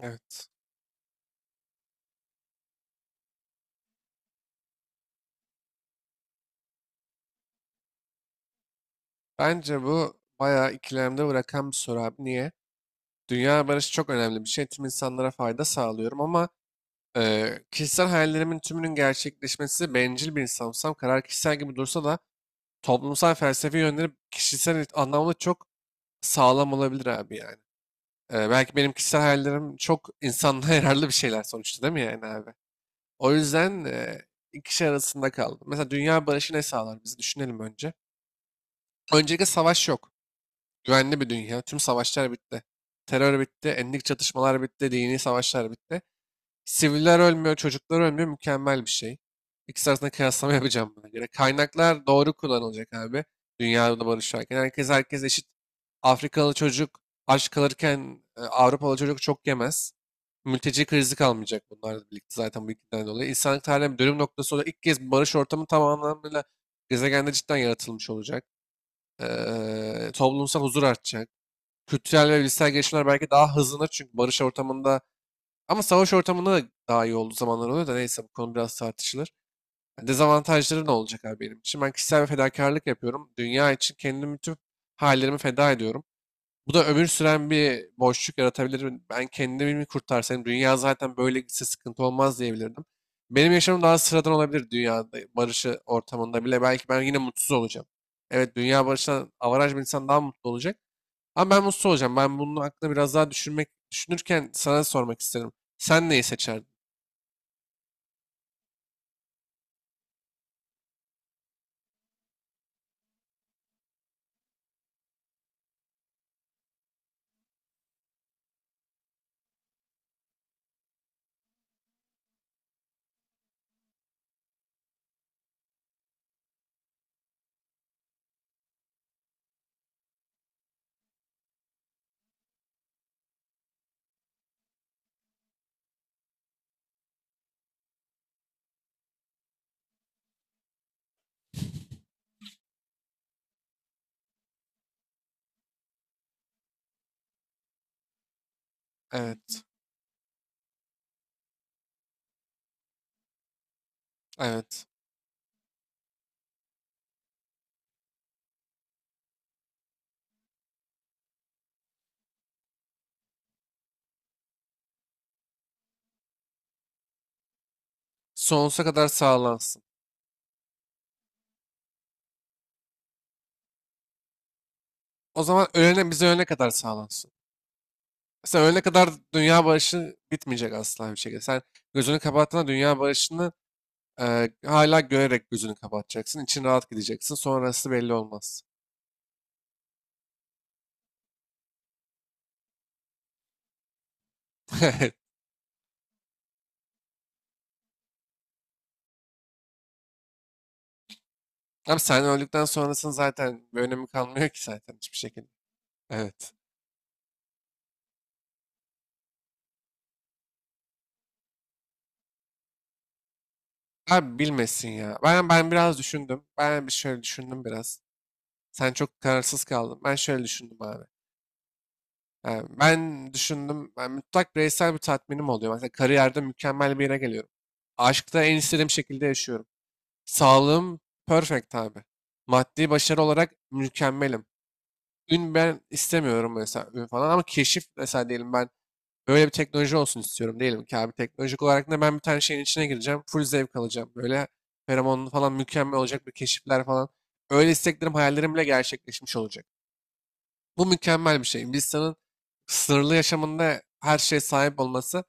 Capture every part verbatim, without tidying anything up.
Evet. Bence bu bayağı ikilemde bırakan bir soru abi. Niye? Dünya barışı çok önemli bir şey. Tüm insanlara fayda sağlıyorum ama e, kişisel hayallerimin tümünün gerçekleşmesi bencil bir insansam karar kişisel gibi dursa da toplumsal felsefi yönleri kişisel anlamda çok sağlam olabilir abi yani. E, belki benim kişisel hayallerim çok insanlığa yararlı bir şeyler sonuçta değil mi yani abi? O yüzden e, iki şey arasında kaldım. Mesela dünya barışı ne sağlar bizi düşünelim önce. Öncelikle savaş yok. Güvenli bir dünya. Tüm savaşlar bitti. Terör bitti. Etnik çatışmalar bitti. Dini savaşlar bitti. Siviller ölmüyor. Çocuklar ölmüyor. Mükemmel bir şey. İkisi arasında kıyaslama yapacağım buna göre. Kaynaklar doğru kullanılacak abi. Dünyada barış varken. Herkes herkes eşit. Afrikalı çocuk aç kalırken e, Avrupalı çocuk çok yemez. Mülteci krizi kalmayacak bunlarla birlikte zaten bu ikiden dolayı. İnsanlık tarihinin bir dönüm noktası olarak ilk kez bir barış ortamı tam anlamıyla gezegende cidden yaratılmış olacak. Eee, toplumsal huzur artacak, kültürel ve bilişsel gelişmeler belki daha hızlanır çünkü barış ortamında ama savaş ortamında da daha iyi olduğu zamanlar oluyor da neyse bu konu biraz tartışılır. Yani dezavantajları ne olacak abi benim için? Ben kişisel bir fedakarlık yapıyorum. Dünya için kendimi, tüm hallerimi feda ediyorum. Bu da ömür süren bir boşluk yaratabilir. Ben kendimi mi kurtarsam, dünya zaten böyle gitse sıkıntı olmaz diyebilirdim. Benim yaşamım daha sıradan olabilir dünyada barışı ortamında bile. Belki ben yine mutsuz olacağım. Evet, dünya barışından avaraj bir insan daha mutlu olacak. Ama ben mutsuz olacağım. Ben bunun hakkında biraz daha düşünmek düşünürken sana sormak isterim. Sen neyi seçerdin? Evet. Evet. Sonsuza kadar sağlansın. O zaman ölene, bize ölene kadar sağlansın. Mesela ölene kadar dünya barışı bitmeyecek asla bir şekilde. Sen gözünü kapattığında dünya barışını e, hala görerek gözünü kapatacaksın. İçin rahat gideceksin. Sonrası belli olmaz. Evet. Ama sen öldükten sonrasının zaten bir önemi kalmıyor ki zaten hiçbir şekilde. Evet. Abi bilmesin ya. Ben ben biraz düşündüm. Ben bir şöyle düşündüm biraz. Sen çok kararsız kaldın. Ben şöyle düşündüm abi. Yani ben düşündüm. Ben mutlak bireysel bir tatminim oluyor. Mesela kariyerde mükemmel bir yere geliyorum. Aşkta en istediğim şekilde yaşıyorum. Sağlığım perfect abi. Maddi başarı olarak mükemmelim. Ün ben istemiyorum, mesela ün falan, ama keşif mesela, diyelim ben böyle bir teknoloji olsun istiyorum diyelim ki abi. Teknolojik olarak da ben bir tane şeyin içine gireceğim. Full zevk alacağım. Böyle feromonlu falan mükemmel olacak bir keşifler falan. Öyle isteklerim, hayallerim bile gerçekleşmiş olacak. Bu mükemmel bir şey. İnsanın sınırlı yaşamında her şeye sahip olması,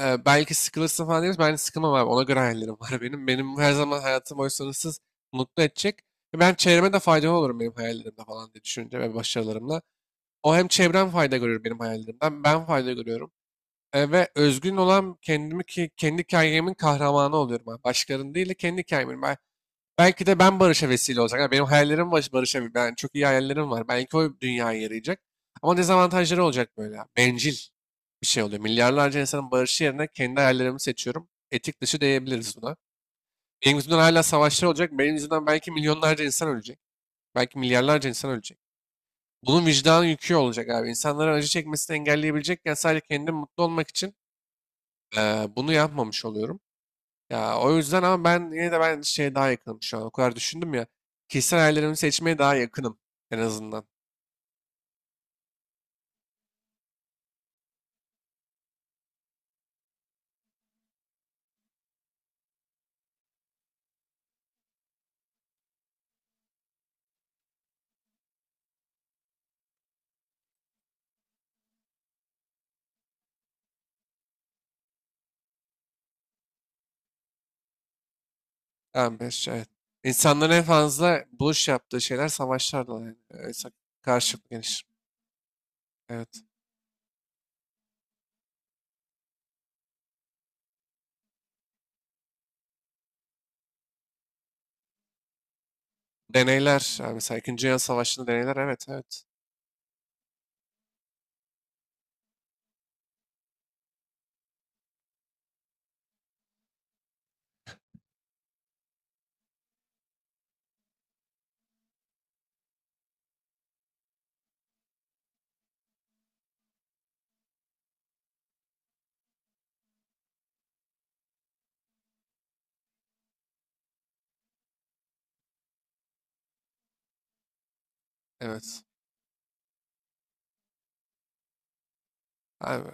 e, belki sıkılırsın falan deriz. Ben sıkılmam abi. Ona göre hayallerim var benim. Benim her zaman hayatım boyu sınırsız mutlu edecek. Ve ben çevreme de faydalı olurum benim hayallerimde falan diye, düşünce ve başarılarımla. O hem çevrem fayda görüyor benim hayallerimden. Ben fayda görüyorum. E, ve özgün olan kendimi, ki kendi hikayemin kahramanı oluyorum abi. Başkalarının değil de kendi hikayemin. Ben, belki de ben barışa vesile olacak. Yani benim hayallerim baş, barışa ben, yani çok iyi hayallerim var. Belki o dünyaya yarayacak. Ama dezavantajları olacak böyle, abi. Bencil bir şey oluyor. Milyarlarca insanın barışı yerine kendi hayallerimi seçiyorum. Etik dışı diyebiliriz buna. Benim yüzümden hala savaşlar olacak. Benim yüzümden belki milyonlarca insan ölecek. Belki milyarlarca insan ölecek. Bunun vicdan yükü olacak abi. İnsanların acı çekmesini engelleyebilecekken sadece kendim mutlu olmak için Eee, bunu yapmamış oluyorum. Ya o yüzden, ama ben yine de ben şeye daha yakınım şu an. O kadar düşündüm ya. Kişisel hayallerimi seçmeye daha yakınım en azından. Ben beş, evet. İnsanların en fazla buluş yaptığı şeyler savaşlardı. Yani. Evet, karşılıklı geniş. Evet. Deneyler. Yani mesela İkinci Dünya Savaşı'nda deneyler. Evet, evet. Evet. Abi.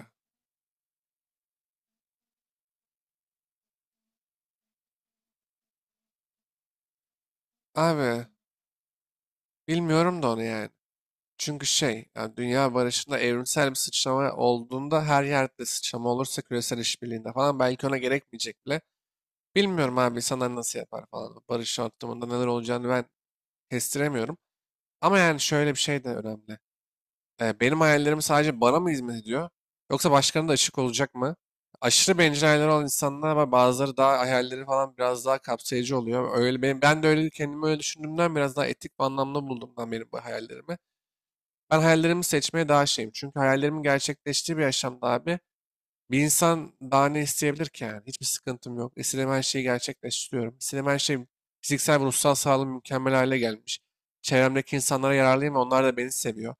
Abi. Bilmiyorum da onu yani. Çünkü şey, yani dünya barışında evrimsel bir sıçrama olduğunda her yerde sıçrama olursa küresel işbirliğinde falan belki ona gerekmeyecek bile. Bilmiyorum abi insanlar nasıl yapar falan. Barış ortamında neler olacağını ben kestiremiyorum. Ama yani şöyle bir şey de önemli. E, benim hayallerim sadece bana mı hizmet ediyor? Yoksa başkalarına da açık olacak mı? Aşırı bencil hayalleri olan insanlar var. Bazıları daha, hayalleri falan biraz daha kapsayıcı oluyor. Öyle benim, ben de öyle kendimi öyle düşündüğümden biraz daha etik bir anlamda buldum ben benim bu hayallerimi. Ben hayallerimi seçmeye daha şeyim. Çünkü hayallerimin gerçekleştiği bir yaşamda abi, bir insan daha ne isteyebilir ki yani? Hiçbir sıkıntım yok. İstediğim her şeyi gerçekleştiriyorum. İstediğim her şey, fiziksel ve ruhsal sağlığım mükemmel hale gelmiş. Çevremdeki insanlara yararlıyım ve onlar da beni seviyor.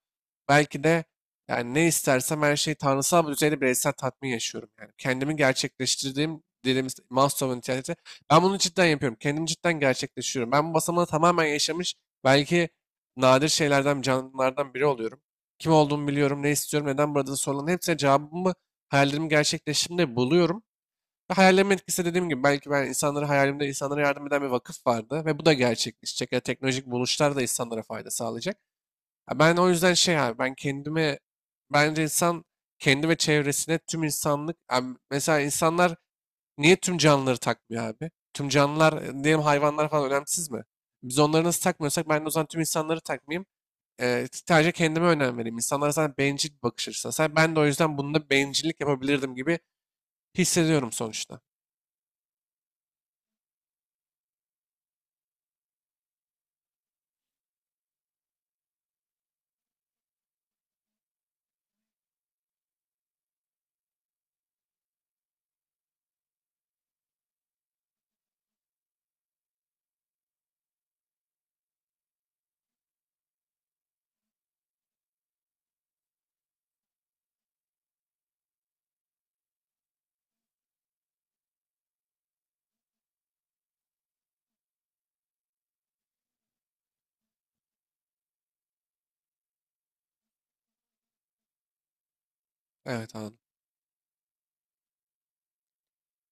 Belki de, yani ne istersem her şeyi, tanrısal bir düzeyde bireysel tatmin yaşıyorum. Yani kendimi gerçekleştirdiğim dediğimiz Maslow'un nitelikleri. Ben bunu cidden yapıyorum. Kendimi cidden gerçekleştiriyorum. Ben bu basamağı tamamen yaşamış belki nadir şeylerden, canlılardan biri oluyorum. Kim olduğumu biliyorum, ne istiyorum, neden burada, soruların hepsine cevabımı hayallerimi gerçekleştiğimde buluyorum. Ve hayallerimin etkisi, dediğim gibi, belki ben insanları, hayalimde insanlara yardım eden bir vakıf vardı ve bu da gerçekleşecek. Ya teknolojik buluşlar da insanlara fayda sağlayacak. Ya ben o yüzden şey abi, ben kendime, bence insan kendi ve çevresine, tüm insanlık abi, mesela insanlar niye tüm canlıları takmıyor abi? Tüm canlılar, e, diyelim hayvanlar falan, önemsiz mi? Biz onları nasıl takmıyorsak ben de o zaman tüm insanları takmayayım. E, sadece kendime önem vereyim. İnsanlara zaten bencil bir bakış açısı. Sen- Ben de o yüzden bunda bencillik yapabilirdim gibi hissediyorum sonuçta. Evet anladım.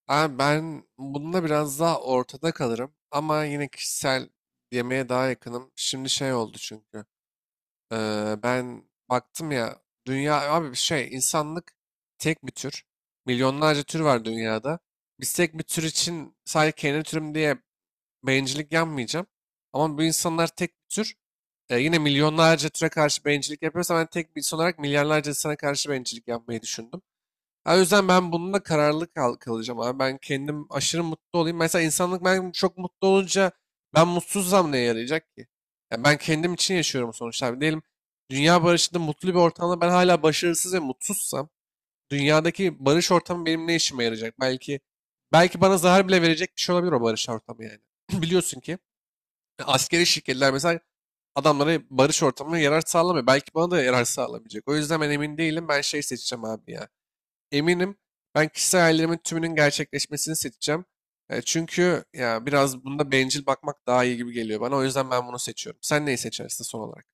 Abi ben bununla biraz daha ortada kalırım ama yine kişisel yemeğe daha yakınım. Şimdi şey oldu çünkü. Eee, ben baktım ya, dünya abi bir şey, insanlık tek bir tür. Milyonlarca tür var dünyada. Biz tek bir tür için sadece kendi türüm diye bencillik yapmayacağım. Ama bu insanlar tek bir tür. E, yine milyonlarca türe karşı bencillik yapıyorsa, ben tek bir insan olarak milyarlarca insana karşı bencillik yapmayı düşündüm. Ha, o yüzden ben bununla kararlı kal kalacağım abi. Ben kendim aşırı mutlu olayım. Mesela insanlık ben çok mutlu olunca, ben mutsuzsam neye yarayacak ki? Ya ben kendim için yaşıyorum sonuçta abi. Diyelim dünya barışında mutlu bir ortamda ben hala başarısız ve mutsuzsam, dünyadaki barış ortamı benim ne işime yarayacak? Belki belki bana zarar bile verecek bir şey olabilir o barış ortamı yani. Biliyorsun ki askeri şirketler mesela, adamlara barış ortamına yarar sağlamıyor. Belki bana da yarar sağlamayacak. O yüzden ben emin değilim. Ben şey seçeceğim abi ya, eminim, ben kişisel hayallerimin tümünün gerçekleşmesini seçeceğim. E, çünkü ya biraz bunda bencil bakmak daha iyi gibi geliyor bana. O yüzden ben bunu seçiyorum. Sen neyi seçersin son olarak?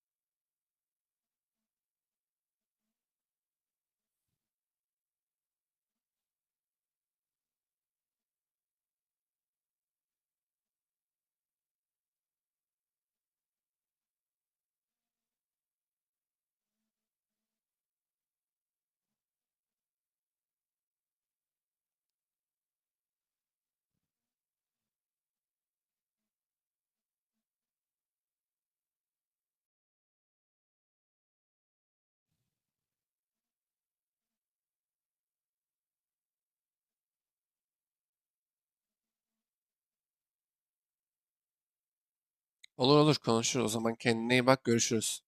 Olur olur konuşuruz. O zaman kendine iyi bak. Görüşürüz.